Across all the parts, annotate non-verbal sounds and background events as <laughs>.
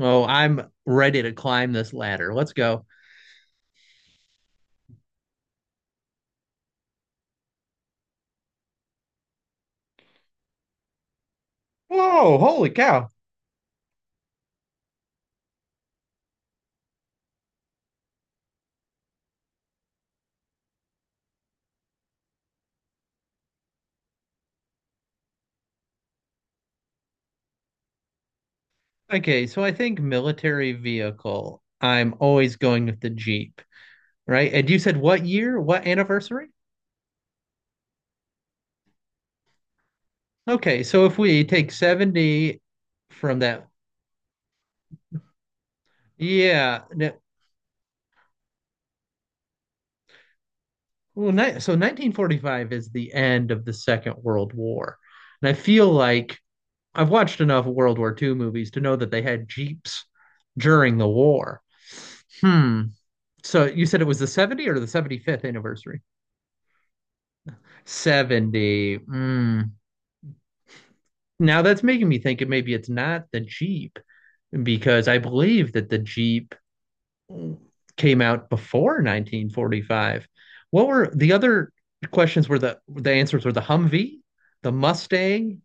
Oh, I'm ready to climb this ladder. Let's go. Whoa, holy cow. Okay, so I think military vehicle. I'm always going with the Jeep, right? And you said what year? What anniversary? Okay, so if we take 70 from that, yeah. Well, so 1945 is the end of the Second World War. And I feel like I've watched enough World War II movies to know that they had Jeeps during the war. Hmm. So you said it was the 70 or the 75th anniversary? 70. Mm. Now that's making me think it maybe it's not the Jeep because I believe that the Jeep came out before 1945. What were the other questions were the answers were the Humvee, the Mustang?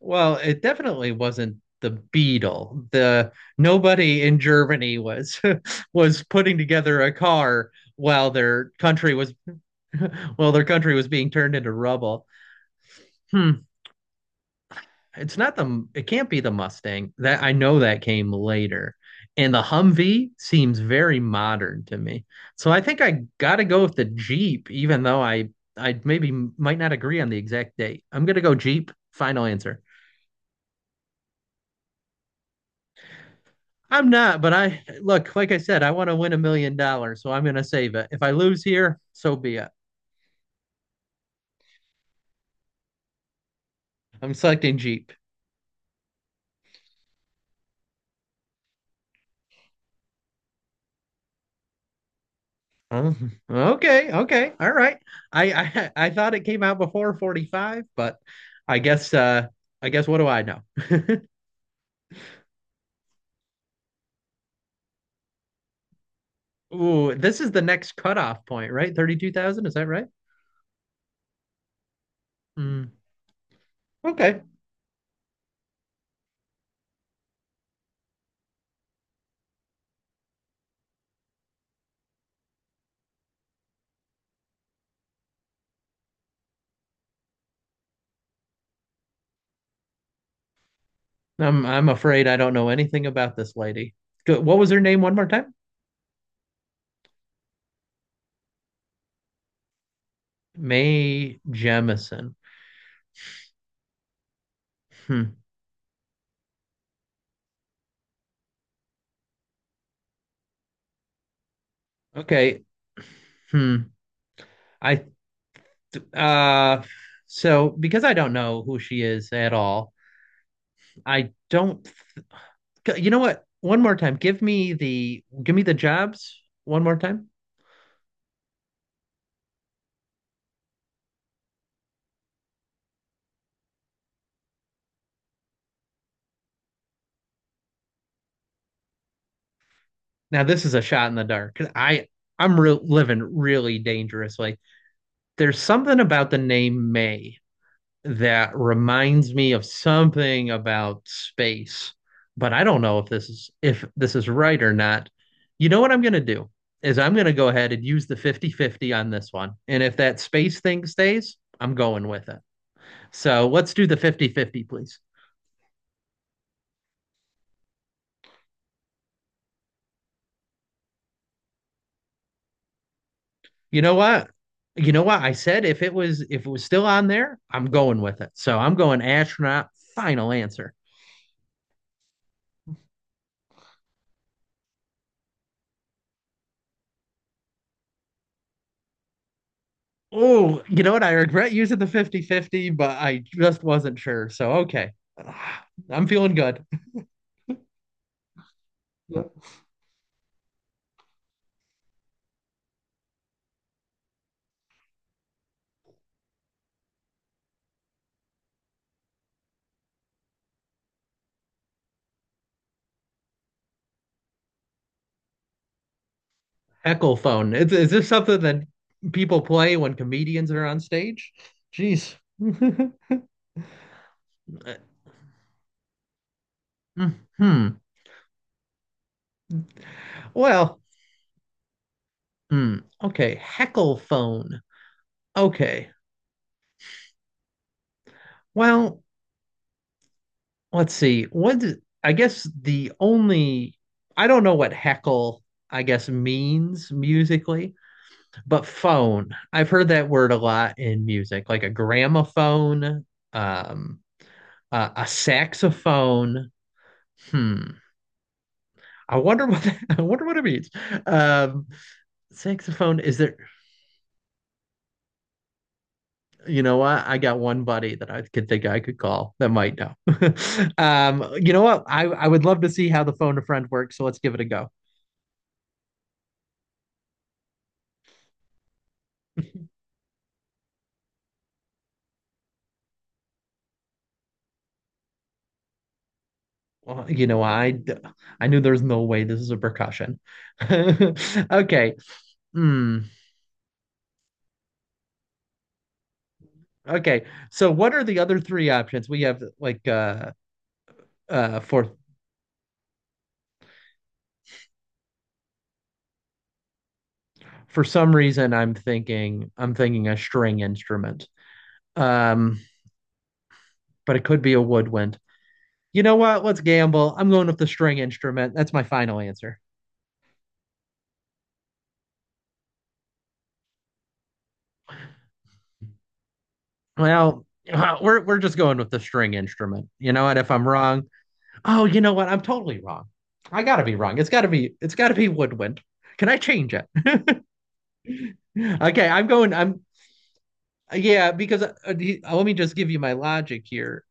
Well, it definitely wasn't the Beetle. The nobody in Germany was <laughs> was putting together a car while their country was <laughs> Well, their country was being turned into rubble. Hmm. It's not the, it can't be the Mustang. That I know that came later. And the Humvee seems very modern to me. So I think I gotta go with the Jeep, even though I maybe might not agree on the exact date. I'm gonna go Jeep. Final answer. I'm not, but I look, like I said, I want to win $1 million, so I'm gonna save it. If I lose here, so be it. I'm selecting Jeep. <laughs> Oh, okay, okay, all right. I <laughs> I thought it came out before 45, but I guess what do I know? Ooh, this is the next cutoff point, right? 32,000, is that right? Hmm. Okay. I'm afraid I don't know anything about this lady. What was her name one more time? Mae Jemison. Hmm. Okay. Hmm. I uh so because I don't know who she is at all, I don't. You know what? One more time. Give me the jobs one more time. Now this is a shot in the dark. 'Cause I'm re living really dangerously. There's something about the name May that reminds me of something about space, but I don't know if this is right or not. You know what I'm gonna do is I'm gonna go ahead and use the 50/50 on this one. And if that space thing stays, I'm going with it. So let's do the 50/50, please. You know what? You know what? I said if it was still on there, I'm going with it. So I'm going astronaut. Final answer. Oh, you know what? I regret using the 50/50, but I just wasn't sure. So okay. <sighs> I'm feeling good. Yeah. Heckle phone. Is this something that people play when comedians are on stage? Jeez. <laughs> hmm Well, hmm. Okay. Heckle phone. Okay. Well, let's see. I guess the only, I don't know what heckle I guess means musically, but phone. I've heard that word a lot in music, like a gramophone, um, a saxophone. Hmm. I wonder what that, <laughs> I wonder what it means. Um, saxophone. Is there? You know what? I got one buddy that I could think I could call that might know. <laughs> You know what? I would love to see how the phone a friend works. So let's give it a go. Well, you know, I knew there's no way this is a percussion. <laughs> Okay. Hmm. Okay. So what are the other three options? We have like uh for for some reason I'm thinking a string instrument. Um, but it could be a woodwind. You know what? Let's gamble. I'm going with the string instrument. That's my final answer. Well, <laughs> we're just going with the string instrument. You know what? If I'm wrong, oh, you know what? I'm totally wrong. I gotta be wrong. It's gotta be Woodwind. Can I change it? <laughs> Okay, I'm going. I'm, yeah, because let me just give you my logic here.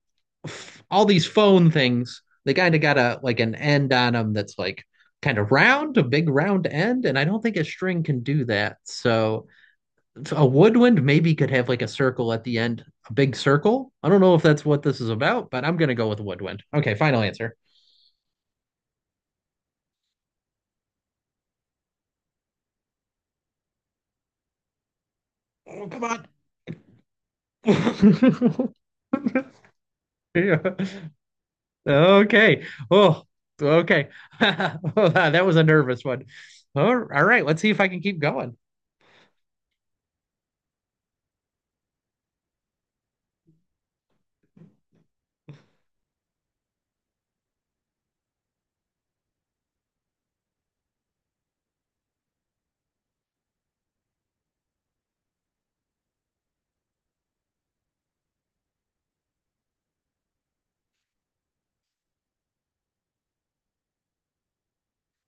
All these phone things, they kind of got a like an end on them that's like kind of round, a big round end, and I don't think a string can do that. So a woodwind maybe could have like a circle at the end, a big circle. I don't know if that's what this is about, but I'm gonna go with woodwind. Okay, final answer. Oh, come on. <laughs> Yeah. Okay. Oh, okay. <laughs> Well, that was a nervous one. All right. Let's see if I can keep going.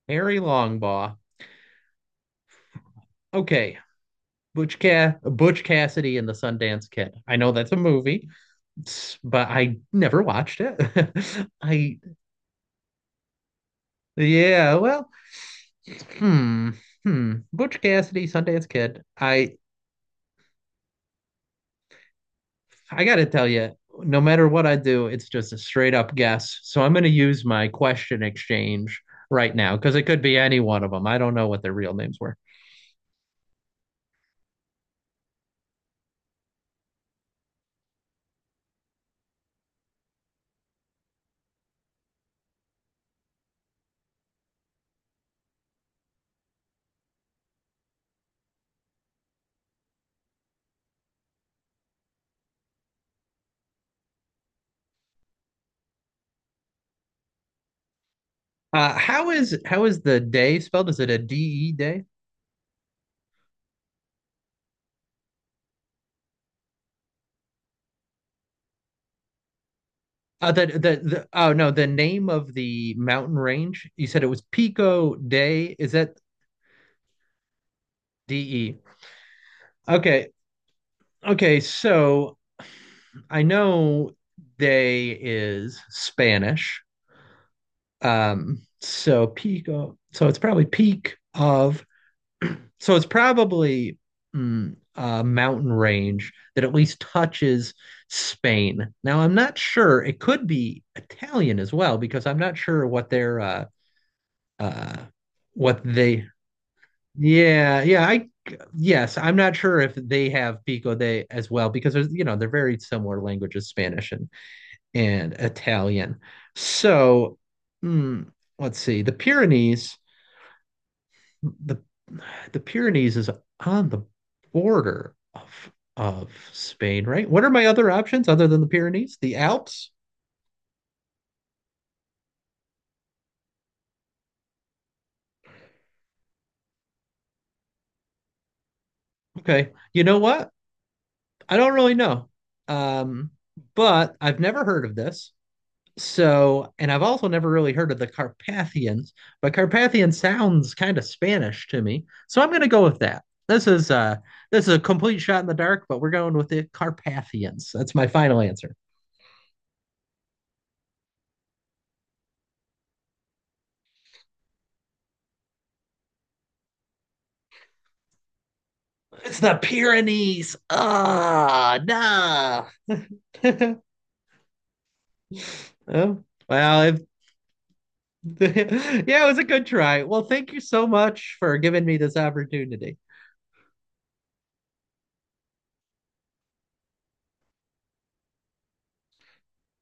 Harry Longbaugh. Okay. Butch Cassidy and the Sundance Kid. I know that's a movie, but I never watched it. <laughs> I yeah. Well, hmm. Hmm. Butch Cassidy, Sundance Kid. I got to tell you, no matter what I do, it's just a straight up guess. So I'm going to use my question exchange right now because it could be any one of them. I don't know what their real names were. How is the day spelled? Is it a D E day? Uh, the, the the Oh no, the name of the mountain range. You said it was Pico Day. Is that D E? Okay, okay. So I know day is Spanish. So peak of, so it's probably peak of, so it's probably, a mountain range that at least touches Spain. Now I'm not sure. It could be Italian as well because I'm not sure what their uh what they, yeah, yeah, I yes, I'm not sure if they have Pico de as well because there's, they're very similar languages, Spanish and Italian. So mm, let's see, the Pyrenees, the the Pyrenees is on the border of Spain, right? What are my other options other than the Pyrenees? The Alps? Okay. You know what? I don't really know. Um, but I've never heard of this. So, and I've also never really heard of the Carpathians, but Carpathian sounds kind of Spanish to me. So I'm going to go with that. This is a complete shot in the dark, but we're going with the Carpathians. That's my final answer. It's the Pyrenees. Ah, oh, nah. <laughs> Oh, well, if, <laughs> yeah, it was a good try. Well, thank you so much for giving me this opportunity.